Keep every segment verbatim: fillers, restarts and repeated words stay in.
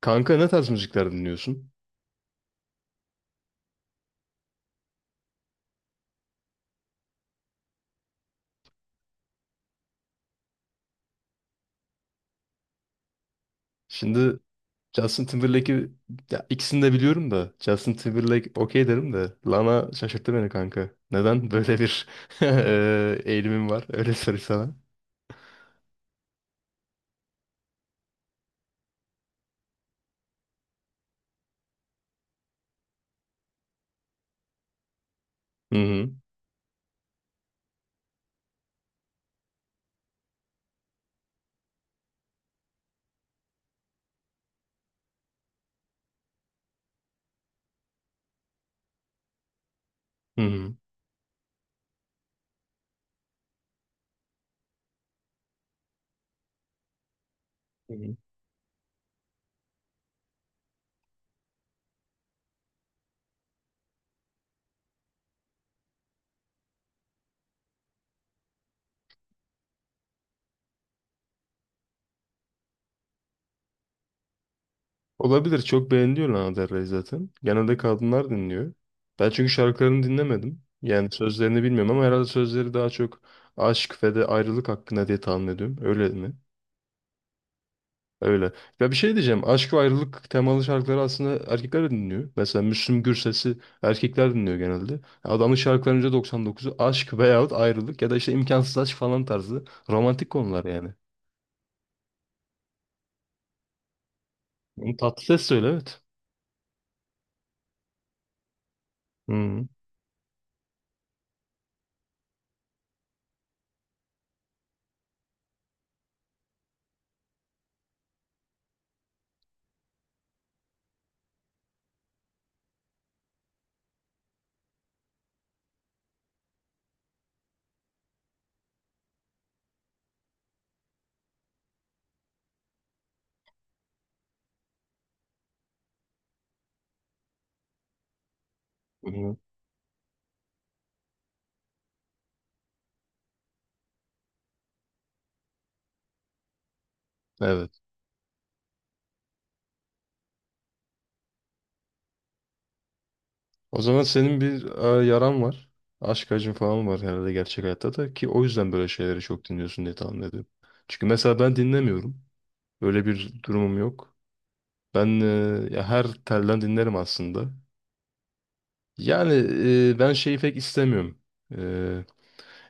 Kanka ne tarz müzikler dinliyorsun? Şimdi Justin Timberlake'i Ya ikisini de biliyorum da Justin Timberlake okey derim de Lana şaşırttı beni kanka. Neden böyle bir eee, eğilimim var? Öyle sorayım sana. Hı hı. Hı hı. Hı hı. Olabilir. Çok beğeniliyor Lana Del Rey zaten. Genelde kadınlar dinliyor. Ben çünkü şarkılarını dinlemedim. Yani sözlerini bilmiyorum ama herhalde sözleri daha çok aşk ve de ayrılık hakkında diye tahmin ediyorum. Öyle mi? Öyle. Ya bir şey diyeceğim. Aşk ve ayrılık temalı şarkıları aslında erkekler de dinliyor. Mesela Müslüm Gürses'i erkekler dinliyor genelde. Adamın şarkılarının yüzde doksan dokuzu aşk veyahut ayrılık ya da işte imkansız aşk falan tarzı romantik konular yani. Bunu tatlı ses söyle, evet. Hı hı. Hı hı. Evet. O zaman senin bir e, yaran var. Aşk acın falan var herhalde gerçek hayatta da, ki o yüzden böyle şeyleri çok dinliyorsun diye tahmin ediyorum. Çünkü mesela ben dinlemiyorum. Öyle bir durumum yok. Ben e, ya her telden dinlerim aslında. Yani e, ben şeyi pek istemiyorum. E,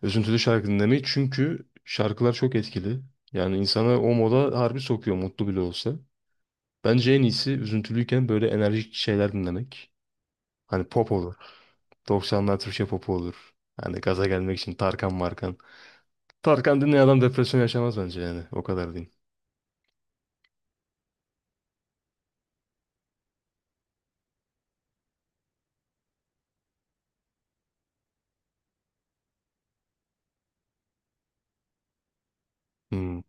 Üzüntülü şarkı dinlemeyi, çünkü şarkılar çok etkili. Yani insana o moda harbi sokuyor, mutlu bile olsa. Bence en iyisi üzüntülüyken böyle enerjik şeyler dinlemek. Hani pop olur. doksanlar Türkçe popu olur. Hani gaza gelmek için Tarkan Markan. Tarkan dinleyen adam depresyon yaşamaz bence yani. O kadar diyeyim. Hmm.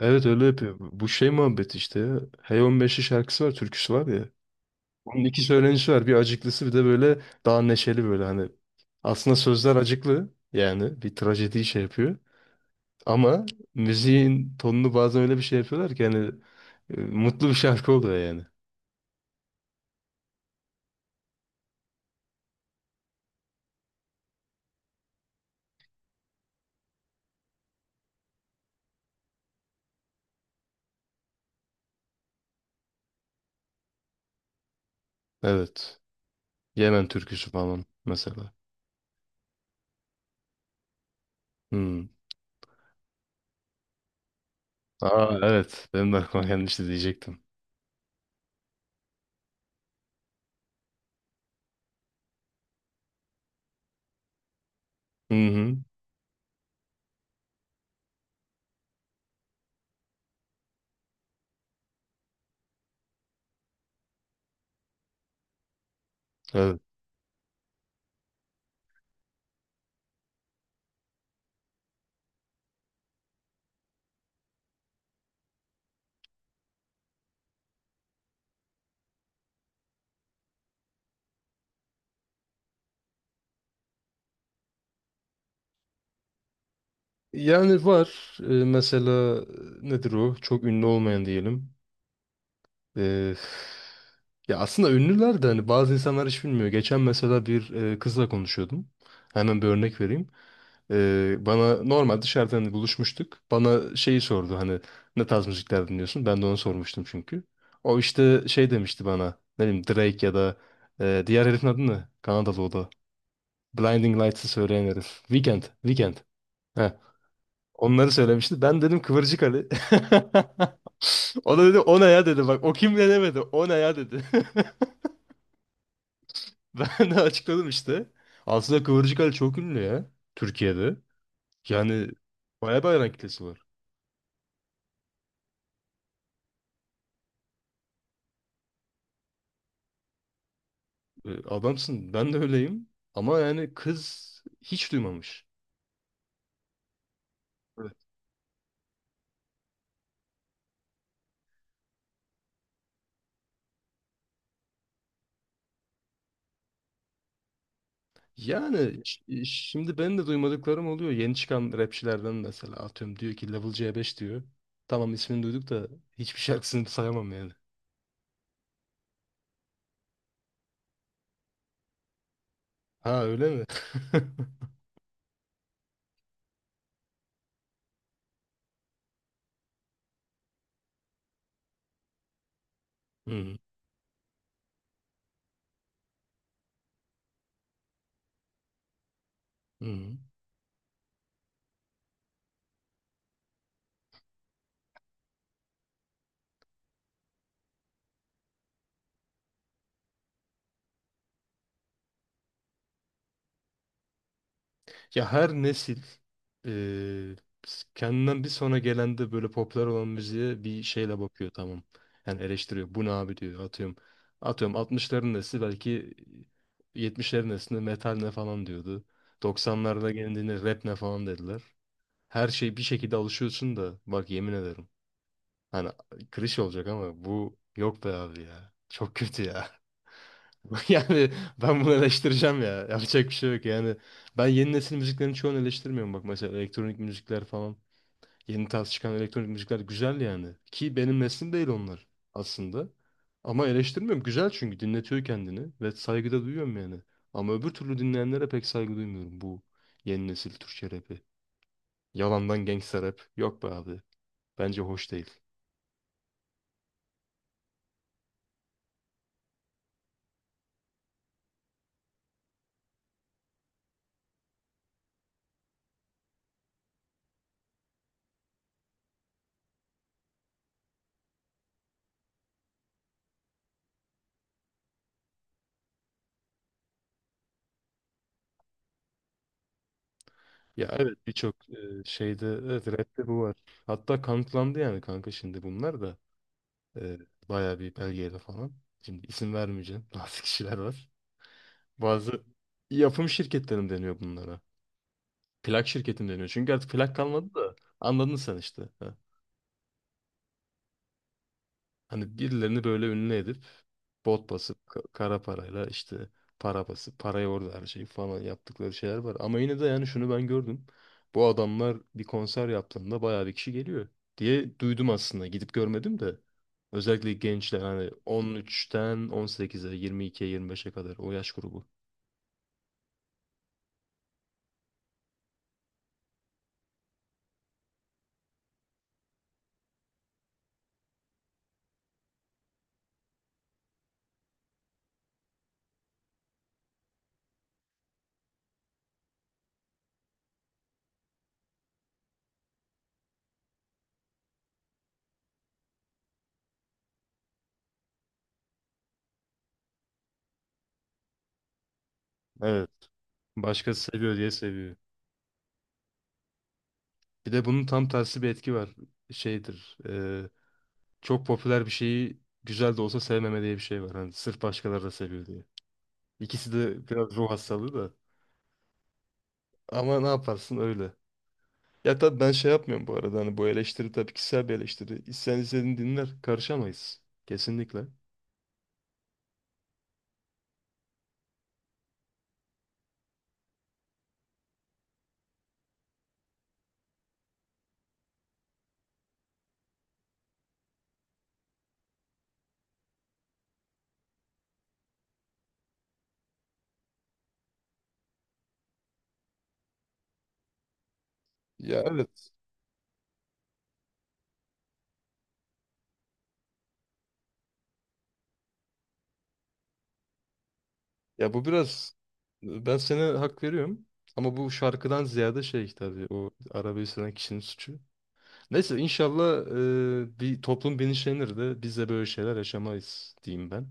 Evet, öyle yapıyor. Bu şey muhabbet işte ya. Hey on beşli şarkısı var, türküsü var ya. Bunun iki söylenişi var. Bir acıklısı, bir de böyle daha neşeli böyle hani. Aslında sözler acıklı. Yani bir trajediyi şey yapıyor. Ama müziğin tonunu bazen öyle bir şey yapıyorlar ki hani e, mutlu bir şarkı oluyor yani. Evet. Yemen türküsü falan mesela. Hmm. Aa, evet. Benim de aklıma gelmişti diyecektim. Hı hı. Evet. Yani var. E, mesela e, nedir o? Çok ünlü olmayan diyelim. E, ya aslında ünlüler de, hani bazı insanlar hiç bilmiyor. Geçen mesela bir e, kızla konuşuyordum. Hemen bir örnek vereyim. Ee, bana normal dışarıdan, hani buluşmuştuk. Bana şeyi sordu, hani ne tarz müzikler dinliyorsun? Ben de onu sormuştum çünkü. O işte şey demişti bana. Ne bileyim, Drake ya da e, diğer herifin adı ne? Kanadalı o da. Blinding Lights'ı söyleyen herif. Weekend. Weekend. Heh. Onları söylemişti. Ben dedim Kıvırcık Ali. O da dedi o ne ya dedi. Bak o kim ne demedi. O ne ya dedi. Ben de açıkladım işte. Aslında Kıvırcık Ali çok ünlü ya. Türkiye'de. Yani bayağı bir hayran kitlesi var. E, adamsın. Ben de öyleyim. Ama yani kız hiç duymamış. Evet. Yani ş- e, şimdi ben de duymadıklarım oluyor. Yeni çıkan rapçilerden mesela, atıyorum diyor ki Level C beş diyor. Tamam, ismini duyduk da hiçbir şarkısını sayamam yani. Ha, öyle mi? Hı hı. Ya her nesil eee, kendinden bir sonra gelen de böyle popüler olan müziğe bir şeyle bakıyor, tamam. Yani eleştiriyor. Bu ne abi diyor, atıyorum. Atıyorum altmışların nesli belki, yetmişlerin neslinde metal ne falan diyordu. doksanlarda geldiğinde rap ne falan dediler. Her şey, bir şekilde alışıyorsun da bak, yemin ederim. Hani klişe olacak ama bu yok be abi ya. Çok kötü ya. Yani ben bunu eleştireceğim ya. Yapacak bir şey yok yani. Ben yeni nesil müziklerin çoğunu eleştirmiyorum bak, mesela elektronik müzikler falan. Yeni tarz çıkan elektronik müzikler güzel yani. Ki benim neslim değil onlar aslında. Ama eleştirmiyorum. Güzel, çünkü dinletiyor kendini ve saygıda duyuyorum yani. Ama öbür türlü dinleyenlere pek saygı duymuyorum, bu yeni nesil Türkçe rapi. Yalandan gangsta rap. Yok be abi. Bence hoş değil. Ya evet, birçok e, şeyde, evet, rapte bu var. Hatta kanıtlandı yani kanka, şimdi bunlar da. Ee, Bayağı bir belgeyle falan. Şimdi isim vermeyeceğim. Bazı kişiler var. Bazı yapım şirketlerim deniyor bunlara. Plak şirketim deniyor. Çünkü artık plak kalmadı da, anladın sen işte. Hani birilerini böyle ünlü edip bot basıp ka- kara parayla işte para basıp parayı orada her şeyi falan yaptıkları şeyler var. Ama yine de yani şunu ben gördüm. Bu adamlar bir konser yaptığında bayağı bir kişi geliyor diye duydum aslında. Gidip görmedim de. Özellikle gençler hani on üçten on sekize, yirmi ikiye, yirmi beşe kadar o yaş grubu. Evet. Başkası seviyor diye seviyor. Bir de bunun tam tersi bir etki var. Şeydir. Çok popüler bir şeyi güzel de olsa sevmeme diye bir şey var. Hani sırf başkaları da seviyor diye. İkisi de biraz ruh hastalığı da. Ama ne yaparsın öyle. Ya tabii ben şey yapmıyorum bu arada. Hani bu eleştiri tabii kişisel bir eleştiri. İsteyen istediğini dinler. Karışamayız. Kesinlikle. Ya evet. Ya bu biraz, ben sana hak veriyorum. Ama bu şarkıdan ziyade şey tabii, o arabayı süren kişinin suçu. Neyse, inşallah e, bir toplum bilinçlenir de biz de böyle şeyler yaşamayız diyeyim ben.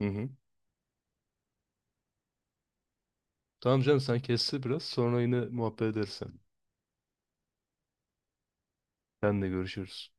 Hı hı. Tamam canım, sen kestir biraz, sonra yine muhabbet edersen. Sen de görüşürüz.